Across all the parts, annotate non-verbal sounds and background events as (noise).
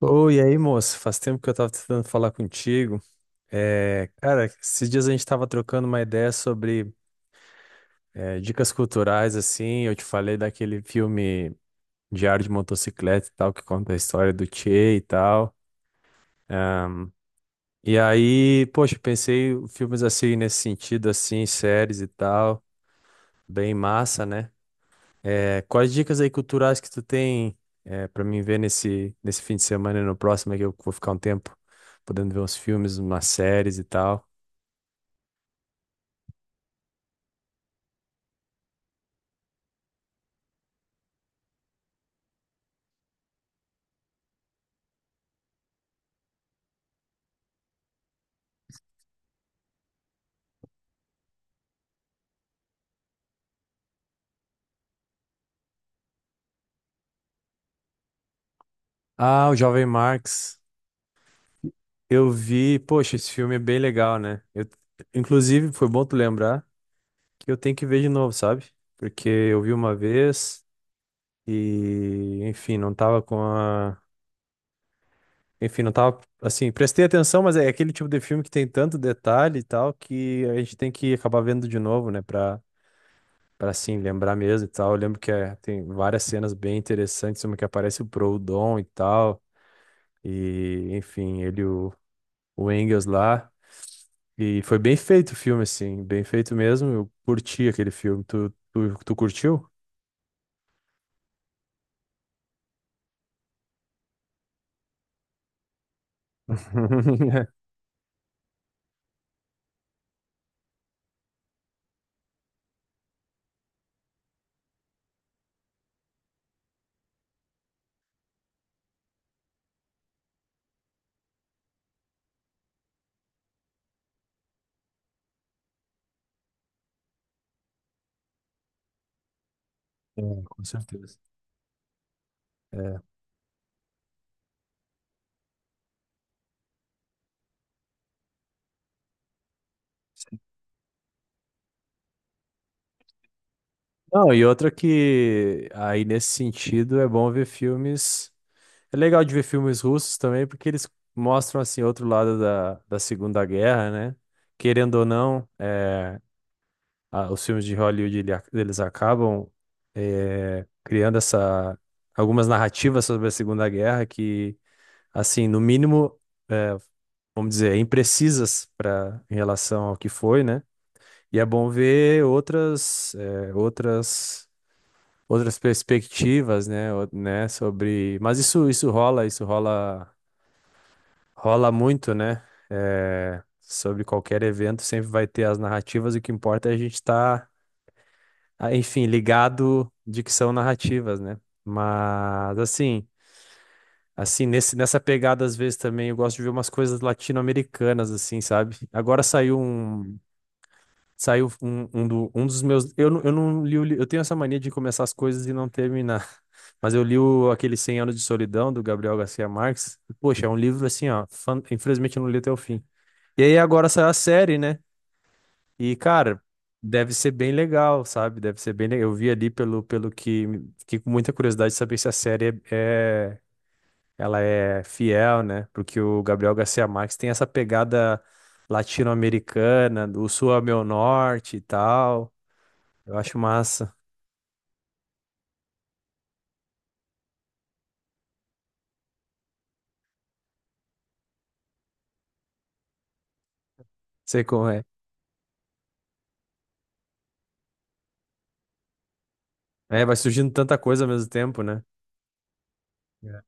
Oi, e aí, moço? Faz tempo que eu tava tentando falar contigo. É, cara, esses dias a gente tava trocando uma ideia sobre dicas culturais, assim. Eu te falei daquele filme Diário de Motocicleta e tal, que conta a história do Che e tal. E aí, poxa, pensei em filmes assim, nesse sentido, assim, séries e tal. Bem massa, né? É, quais dicas aí culturais que tu tem pra mim ver nesse fim de semana e no próximo, aí que eu vou ficar um tempo podendo ver uns filmes, umas séries e tal? Ah, o Jovem Marx. Eu vi, poxa, esse filme é bem legal, né? Eu, inclusive, foi bom tu lembrar que eu tenho que ver de novo, sabe? Porque eu vi uma vez e, enfim, não tava com a. Enfim, não tava, assim, prestei atenção, mas é aquele tipo de filme que tem tanto detalhe e tal que a gente tem que acabar vendo de novo, né? Pra assim, lembrar mesmo e tal. Eu lembro que tem várias cenas bem interessantes, uma que aparece o Proudhon e tal, e, enfim, o Engels lá. E foi bem feito o filme, assim, bem feito mesmo. Eu curti aquele filme. Tu curtiu? (laughs) É, com certeza. É. Não, e outra que aí nesse sentido é bom ver filmes. É legal de ver filmes russos também, porque eles mostram assim outro lado da Segunda Guerra, né? Querendo ou não, os filmes de Hollywood eles acabam criando essa algumas narrativas sobre a Segunda Guerra que, assim, no mínimo vamos dizer, imprecisas para em relação ao que foi, né? E é bom ver outras, outras perspectivas, né? Né? Sobre, mas rola muito, né? Sobre qualquer evento sempre vai ter as narrativas. O que importa é a gente estar, enfim, ligado de que são narrativas, né? Mas assim. Assim, nessa pegada, às vezes também eu gosto de ver umas coisas latino-americanas, assim, sabe? Agora saiu um, saiu um dos meus. Eu não li o. Eu tenho essa mania de começar as coisas e não terminar. (laughs) Mas eu li o, aquele cem Anos de Solidão, do Gabriel Garcia Marques. E, poxa, é um livro assim, ó. Infelizmente eu não li até o fim. E aí agora saiu a série, né? E, cara, deve ser bem legal, sabe? Deve ser bem legal. Eu vi ali pelo que. Fiquei com muita curiosidade de saber se a série ela é fiel, né? Porque o Gabriel Garcia Marques tem essa pegada latino-americana, do sul ao meu norte e tal. Eu acho massa. Sei como é. É, vai surgindo tanta coisa ao mesmo tempo, né? É.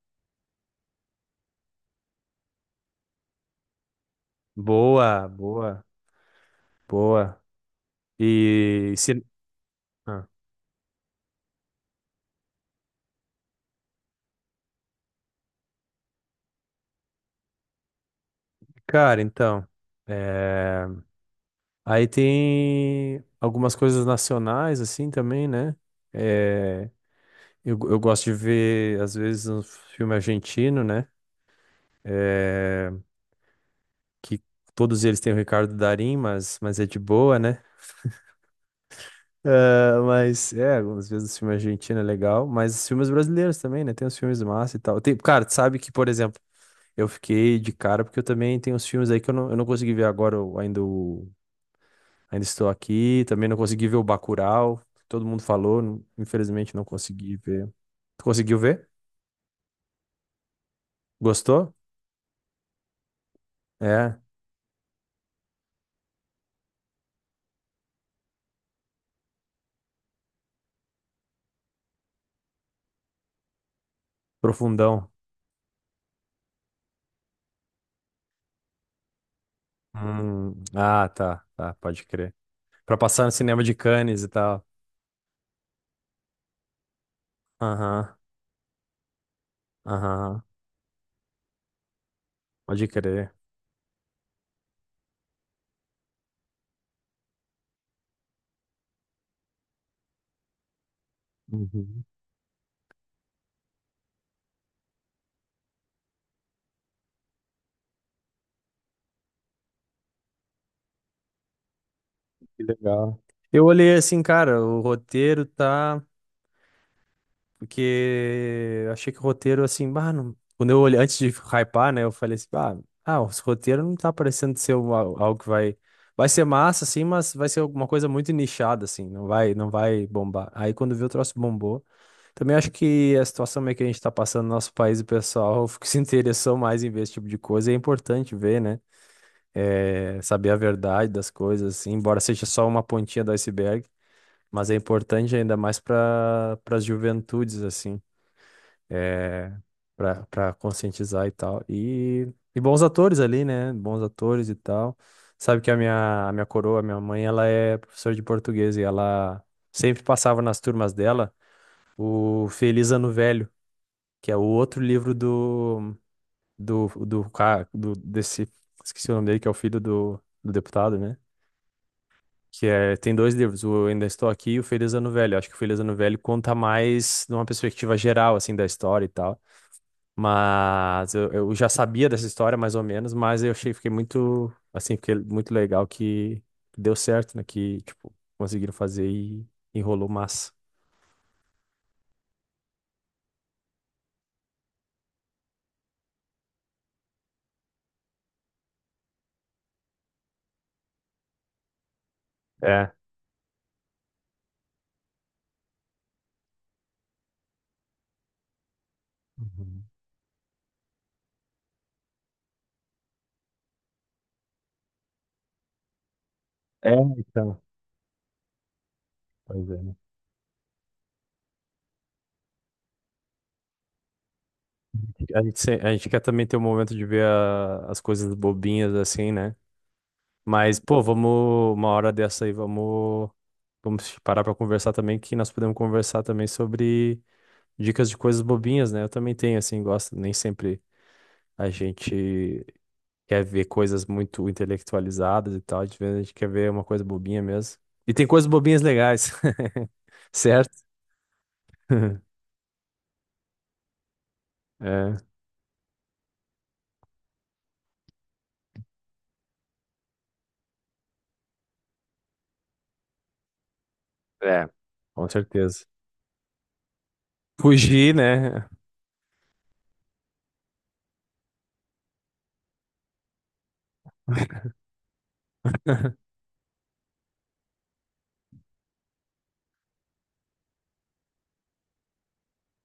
Boa, boa, Boa. E se... ah, cara, então. é, Aí tem algumas coisas nacionais, assim, também, né? É, eu gosto de ver, às vezes, um filme argentino, né? É, que todos eles têm o Ricardo Darín, mas é de boa, né? Ah, mas é, algumas vezes os filmes argentinos é legal, mas os filmes brasileiros também, né? Tem os filmes massa e tal. Tem, cara, tu sabe que, por exemplo, eu fiquei de cara porque eu também tenho os filmes aí que eu não consegui ver agora, eu ainda, ainda estou aqui, também não consegui ver o Bacurau, que todo mundo falou, infelizmente não consegui ver. Tu conseguiu ver? Gostou? É, profundão. Ah, tá, pode crer. Pra passar no cinema de Cannes e tal. Aham, aham, pode crer. Uhum. Que legal. Eu olhei assim, cara, o roteiro tá. Porque eu achei que o roteiro, assim, bah, quando eu olhei, antes de hypar, né, eu falei assim, bah, ah, os roteiro não tá parecendo ser algo que vai. Vai ser massa, assim, mas vai ser alguma coisa muito nichada, assim, não vai bombar. Aí quando vi o troço bombou. Também acho que a situação meio que a gente tá passando no nosso país, o pessoal (laughs) se interessou mais em ver esse tipo de coisa, e é importante ver, né? É, saber a verdade das coisas, assim, embora seja só uma pontinha do iceberg mas é importante ainda mais para as juventudes, assim, é, para conscientizar e tal. E bons atores ali, né? Bons atores e tal. Sabe que a minha coroa, a minha mãe, ela é professora de português e ela sempre passava nas turmas dela o Feliz Ano Velho, que é o outro livro do desse, esqueci o nome dele, que é o filho do deputado, né? Que é, tem dois livros, o Ainda Estou Aqui e o Feliz Ano Velho. Acho que o Feliz Ano Velho conta mais numa perspectiva geral, assim, da história e tal. Mas eu já sabia dessa história, mais ou menos, mas fiquei muito, assim, fiquei muito legal que deu certo, né? Que, tipo, conseguiram fazer e enrolou massa. É. Uhum. É, então. Pois é, né? A gente, se- a gente quer também ter um momento de ver as coisas bobinhas, assim, né? Mas, pô, vamos uma hora dessa aí, vamos parar pra conversar também, que nós podemos conversar também sobre dicas de coisas bobinhas, né? Eu também tenho, assim, gosto, nem sempre a gente quer ver coisas muito intelectualizadas e tal, de vez a gente quer ver uma coisa bobinha mesmo. E tem coisas bobinhas legais, (laughs) certo? (laughs) É, é, com certeza. Fugir, né?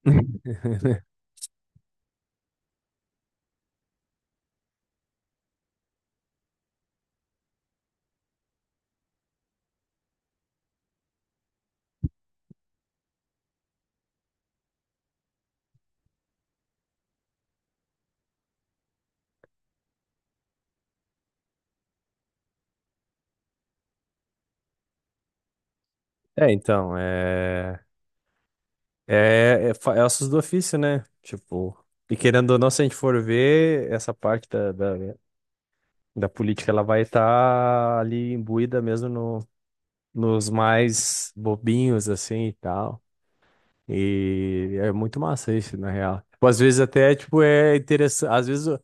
(laughs) É. É ossos do ofício, né? Tipo, e querendo ou não, se a gente for ver, essa parte da política, ela vai estar ali imbuída mesmo no, nos mais bobinhos, assim, e tal. E é muito massa isso, na real. Tipo, às vezes até, tipo, é interessante, às vezes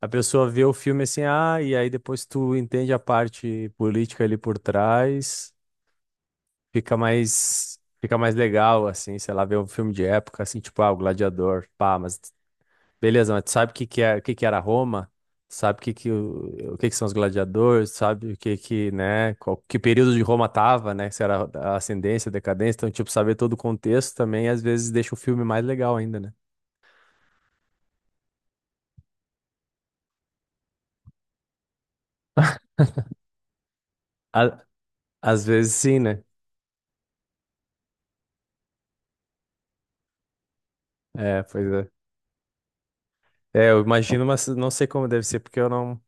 a pessoa vê o filme assim, ah, e aí depois tu entende a parte política ali por trás, fica mais legal, assim, sei lá, ver um filme de época, assim, tipo, ah, o Gladiador, pá, mas beleza, mas tu sabe o que que é, o que que era Roma? Sabe o que que o que que são os gladiadores? Sabe o que que, né, que período de Roma tava, né? Se era a ascendência, decadência, então tipo saber todo o contexto também às vezes deixa o filme mais legal ainda, né? A- às vezes sim, né? É, pois é. É, eu imagino, mas não sei como deve ser porque eu não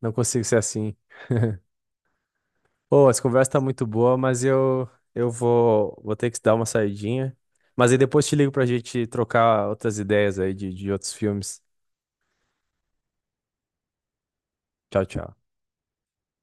não consigo ser assim. (laughs) Pô, essa conversa tá muito boa, mas eu vou ter que dar uma saidinha. Mas aí depois te ligo pra gente trocar outras ideias aí de outros filmes. Tchau.